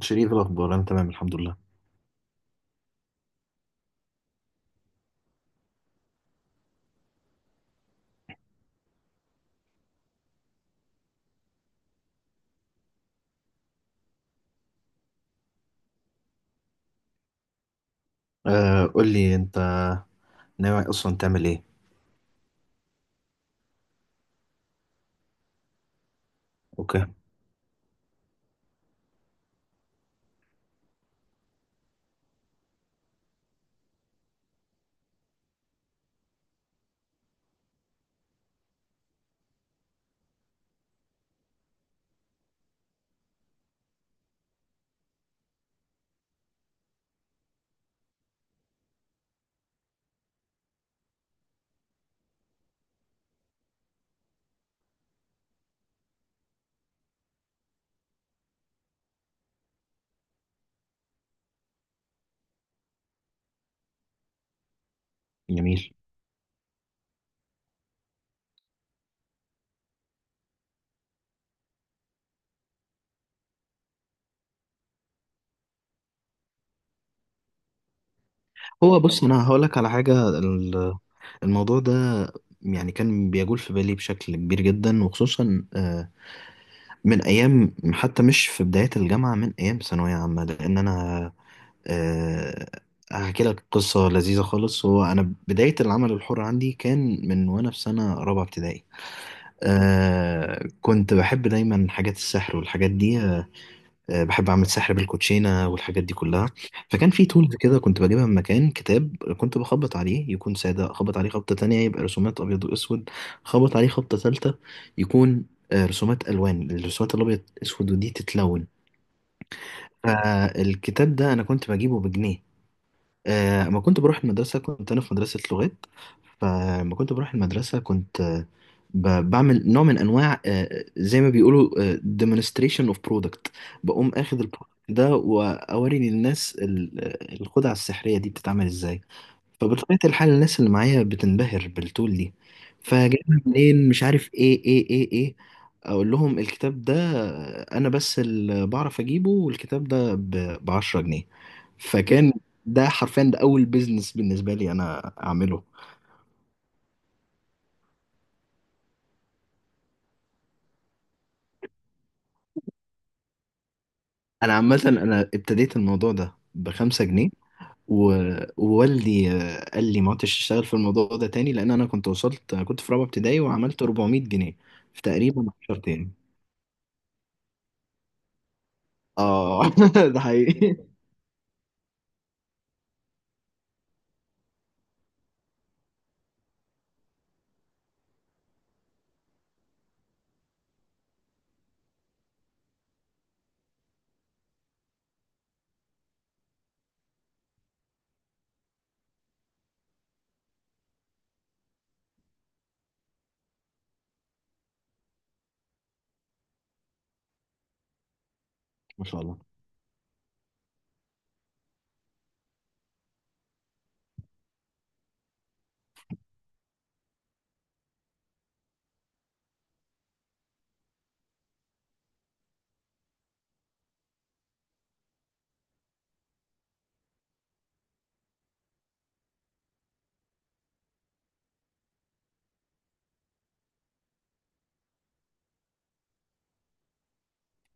شريف، الأخبار أنا تمام الحمد لله. آه، قول لي أنت ناوي أصلا تعمل إيه؟ أوكي. جميل. هو بص، أنا هقول لك على حاجة. الموضوع ده يعني كان بيجول في بالي بشكل كبير جدا، وخصوصا من أيام، حتى مش في بداية الجامعة، من أيام ثانوية عامة، لأن أنا آه هحكي لك قصة لذيذة خالص. هو أنا بداية العمل الحر عندي كان من وأنا في سنة رابعة ابتدائي. كنت بحب دايما حاجات السحر والحاجات دي. بحب اعمل سحر بالكوتشينه والحاجات دي كلها. فكان في تولز كده كنت بجيبها من مكان. كتاب كنت بخبط عليه يكون ساده، اخبط عليه خبطه تانية يبقى رسومات ابيض واسود، اخبط عليه خبطه ثالثه يكون رسومات الوان، الرسومات الابيض اسود ودي تتلون. فالكتاب ده انا كنت بجيبه بجنيه. اما كنت بروح المدرسة، كنت أنا في مدرسة لغات. فلما كنت بروح المدرسة كنت بعمل نوع من أنواع زي ما بيقولوا demonstration of product. بقوم أخد البرودكت ده وأوري للناس الخدعة السحرية دي بتتعمل إزاي. فبطبيعة الحال الناس اللي معايا بتنبهر بالتول دي. فجايبها منين، مش عارف، إيه إيه إيه إيه. أقول لهم الكتاب ده، أنا بس اللي بعرف أجيبه، والكتاب ده ب 10 جنيه. فكان ده حرفيا ده اول بيزنس بالنسبه لي انا اعمله. انا عامه انا ابتديت الموضوع ده ب5 جنيه. و- ووالدي قال لي ما عدتش اشتغل في الموضوع ده تاني، لان انا كنت وصلت، كنت في رابعه ابتدائي وعملت 400 جنيه في تقريبا 10 تاني. اه ده حقيقي. ما شاء الله.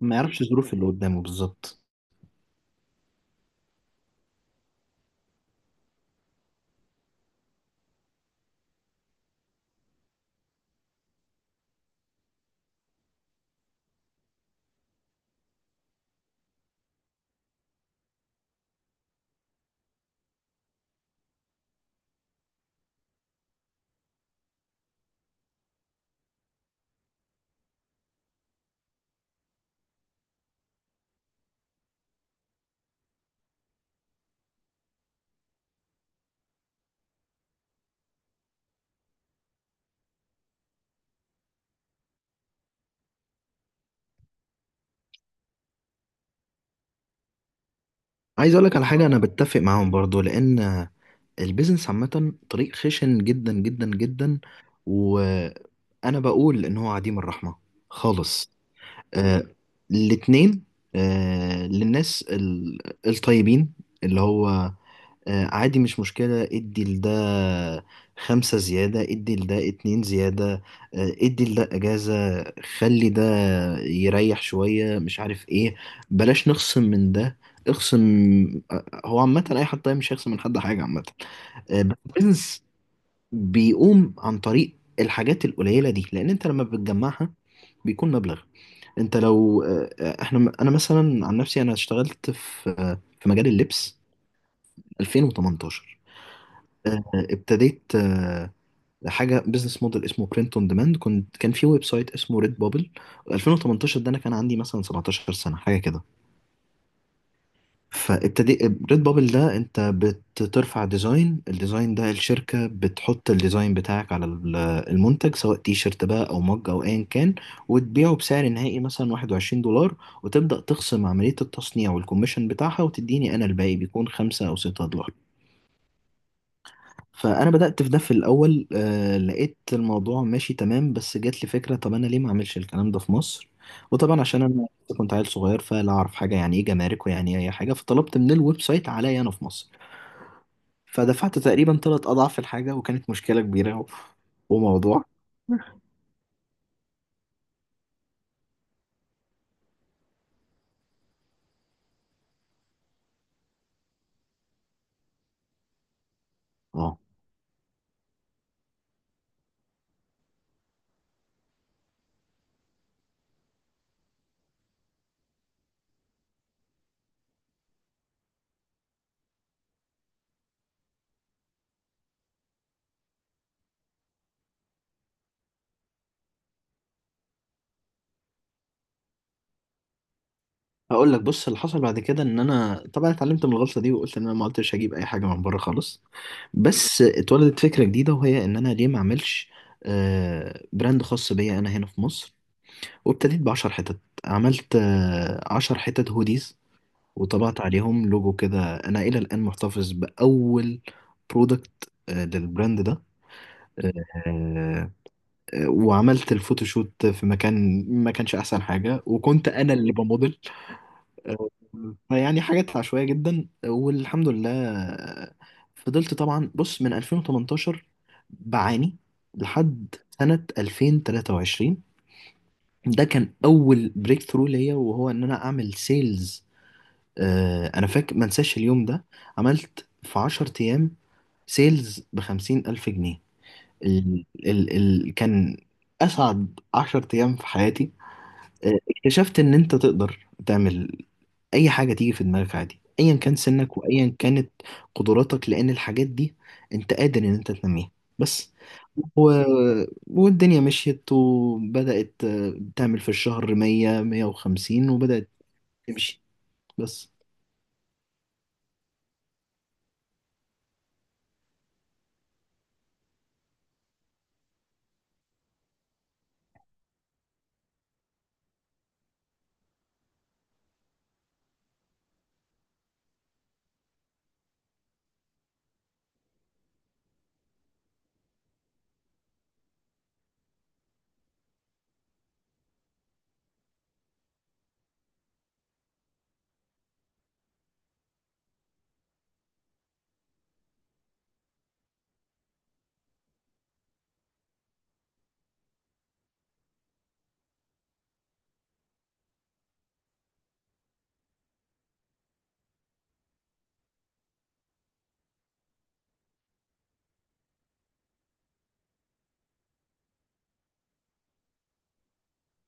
ما يعرفش الظروف اللي قدامه بالظبط. عايز اقول لك على حاجه، انا بتفق معاهم برضو، لان البيزنس عامه طريق خشن جدا جدا جدا، وانا بقول ان هو عديم الرحمه خالص. آه الاتنين، للناس الطيبين، اللي هو عادي، مش مشكلة، ادي لده خمسة زيادة، ادي لده اتنين زيادة، ادي لده اجازة، خلي ده يريح شوية، مش عارف ايه، بلاش نخصم من ده، اخصم. هو عامة أي حد طيب مش هيخصم من حد حاجة عامة. بس البيزنس بيقوم عن طريق الحاجات القليلة دي، لأن أنت لما بتجمعها بيكون مبلغ. انت لو آه، آه، احنا انا مثلا عن نفسي، انا اشتغلت في مجال اللبس 2018. ابتديت حاجه بزنس موديل اسمه برنت اون ديماند. كان في ويب سايت اسمه ريد بابل. 2018 ده انا كان عندي مثلا 17 سنه حاجه كده. فابتدي. ريد بابل ده انت بترفع ديزاين، الديزاين ده الشركة بتحط الديزاين بتاعك على المنتج، سواء تي شيرت بقى او مج او ايا كان، وتبيعه بسعر نهائي مثلا 21 دولار. وتبدأ تخصم عملية التصنيع والكوميشن بتاعها، وتديني انا الباقي، بيكون 5 او 6 دولار. فانا بدات في ده في الاول، لقيت الموضوع ماشي تمام، بس جات لي فكره، طب انا ليه ما اعملش الكلام ده في مصر؟ وطبعا عشان انا كنت عيل صغير، فلا اعرف حاجه، يعني ايه جمارك، ويعني ايه اي حاجه، فطلبت من الويب سايت عليا انا في مصر. فدفعت تقريبا ثلاث اضعاف الحاجه، وكانت مشكله كبيره و- وموضوع. اه هقول لك. بص، اللي حصل بعد كده ان انا طبعا اتعلمت من الغلطه دي، وقلت ان انا ما قلتش هجيب اي حاجه من بره خالص. بس اتولدت فكره جديده، وهي ان انا ليه ما اعملش براند خاص بيا انا هنا في مصر. وابتديت ب10 حتت، عملت 10 حتت هوديز، وطبعت عليهم لوجو كده. أنا إلى الآن محتفظ بأول برودكت للبراند ده. آه، وعملت الفوتوشوت في مكان ما كانش أحسن حاجة، وكنت أنا اللي بموديل. آه، فيعني حاجات عشوائية جدا والحمد لله. فضلت طبعا، بص، من 2018 بعاني لحد سنة 2023. ده كان اول بريك ثرو ليا، وهو ان انا اعمل سيلز. انا فاكر، ما انساش اليوم ده، عملت في 10 ايام سيلز ب50,000 جنيه. ال ال ال كان اسعد 10 ايام في حياتي. اكتشفت ان انت تقدر تعمل اي حاجة تيجي في دماغك، عادي، ايا كان سنك وايا كانت قدراتك، لان الحاجات دي انت قادر ان انت تنميها. بس و... والدنيا مشيت وبدأت تعمل في الشهر 100 150، وبدأت تمشي. بس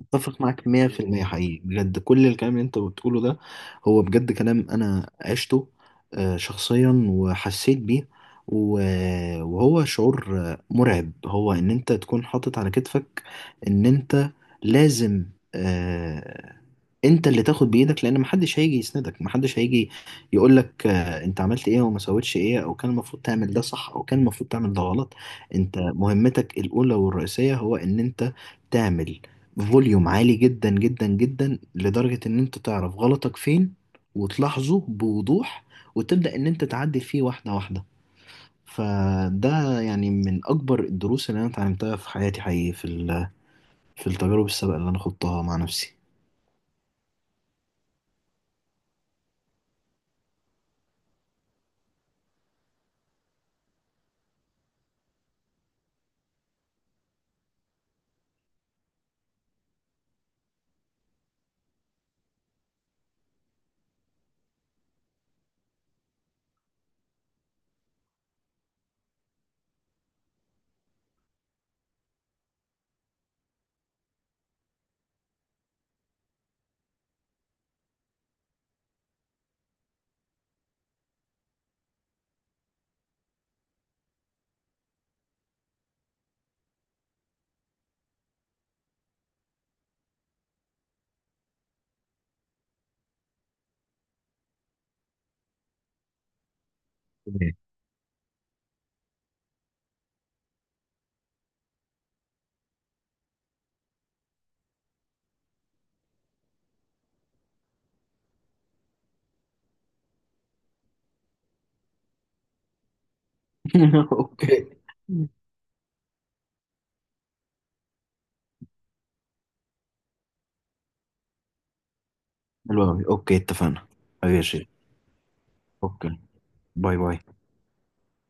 اتفق معاك 100% حقيقي بجد. كل الكلام اللي انت بتقوله ده هو بجد كلام انا عشته شخصيا وحسيت بيه. و- وهو شعور مرعب، هو ان انت تكون حاطط على كتفك ان انت لازم، آه، انت اللي تاخد بايدك، لان محدش هيجي يسندك، محدش هيجي يقولك انت عملت ايه وما سويتش ايه، او كان المفروض تعمل ده صح، او كان المفروض تعمل ده غلط. انت مهمتك الاولى والرئيسية هو ان انت تعمل فوليوم عالي جدا جدا جدا، لدرجة ان انت تعرف غلطك فين وتلاحظه بوضوح، وتبدأ ان انت تعدل فيه واحدة واحدة. فده يعني من اكبر الدروس اللي انا اتعلمتها في حياتي حقيقي، في التجارب السابقة اللي انا خضتها مع نفسي. تمام. اوكي. حلو أوي. اوكي اتفقنا. ماشي. اوكي. باي باي.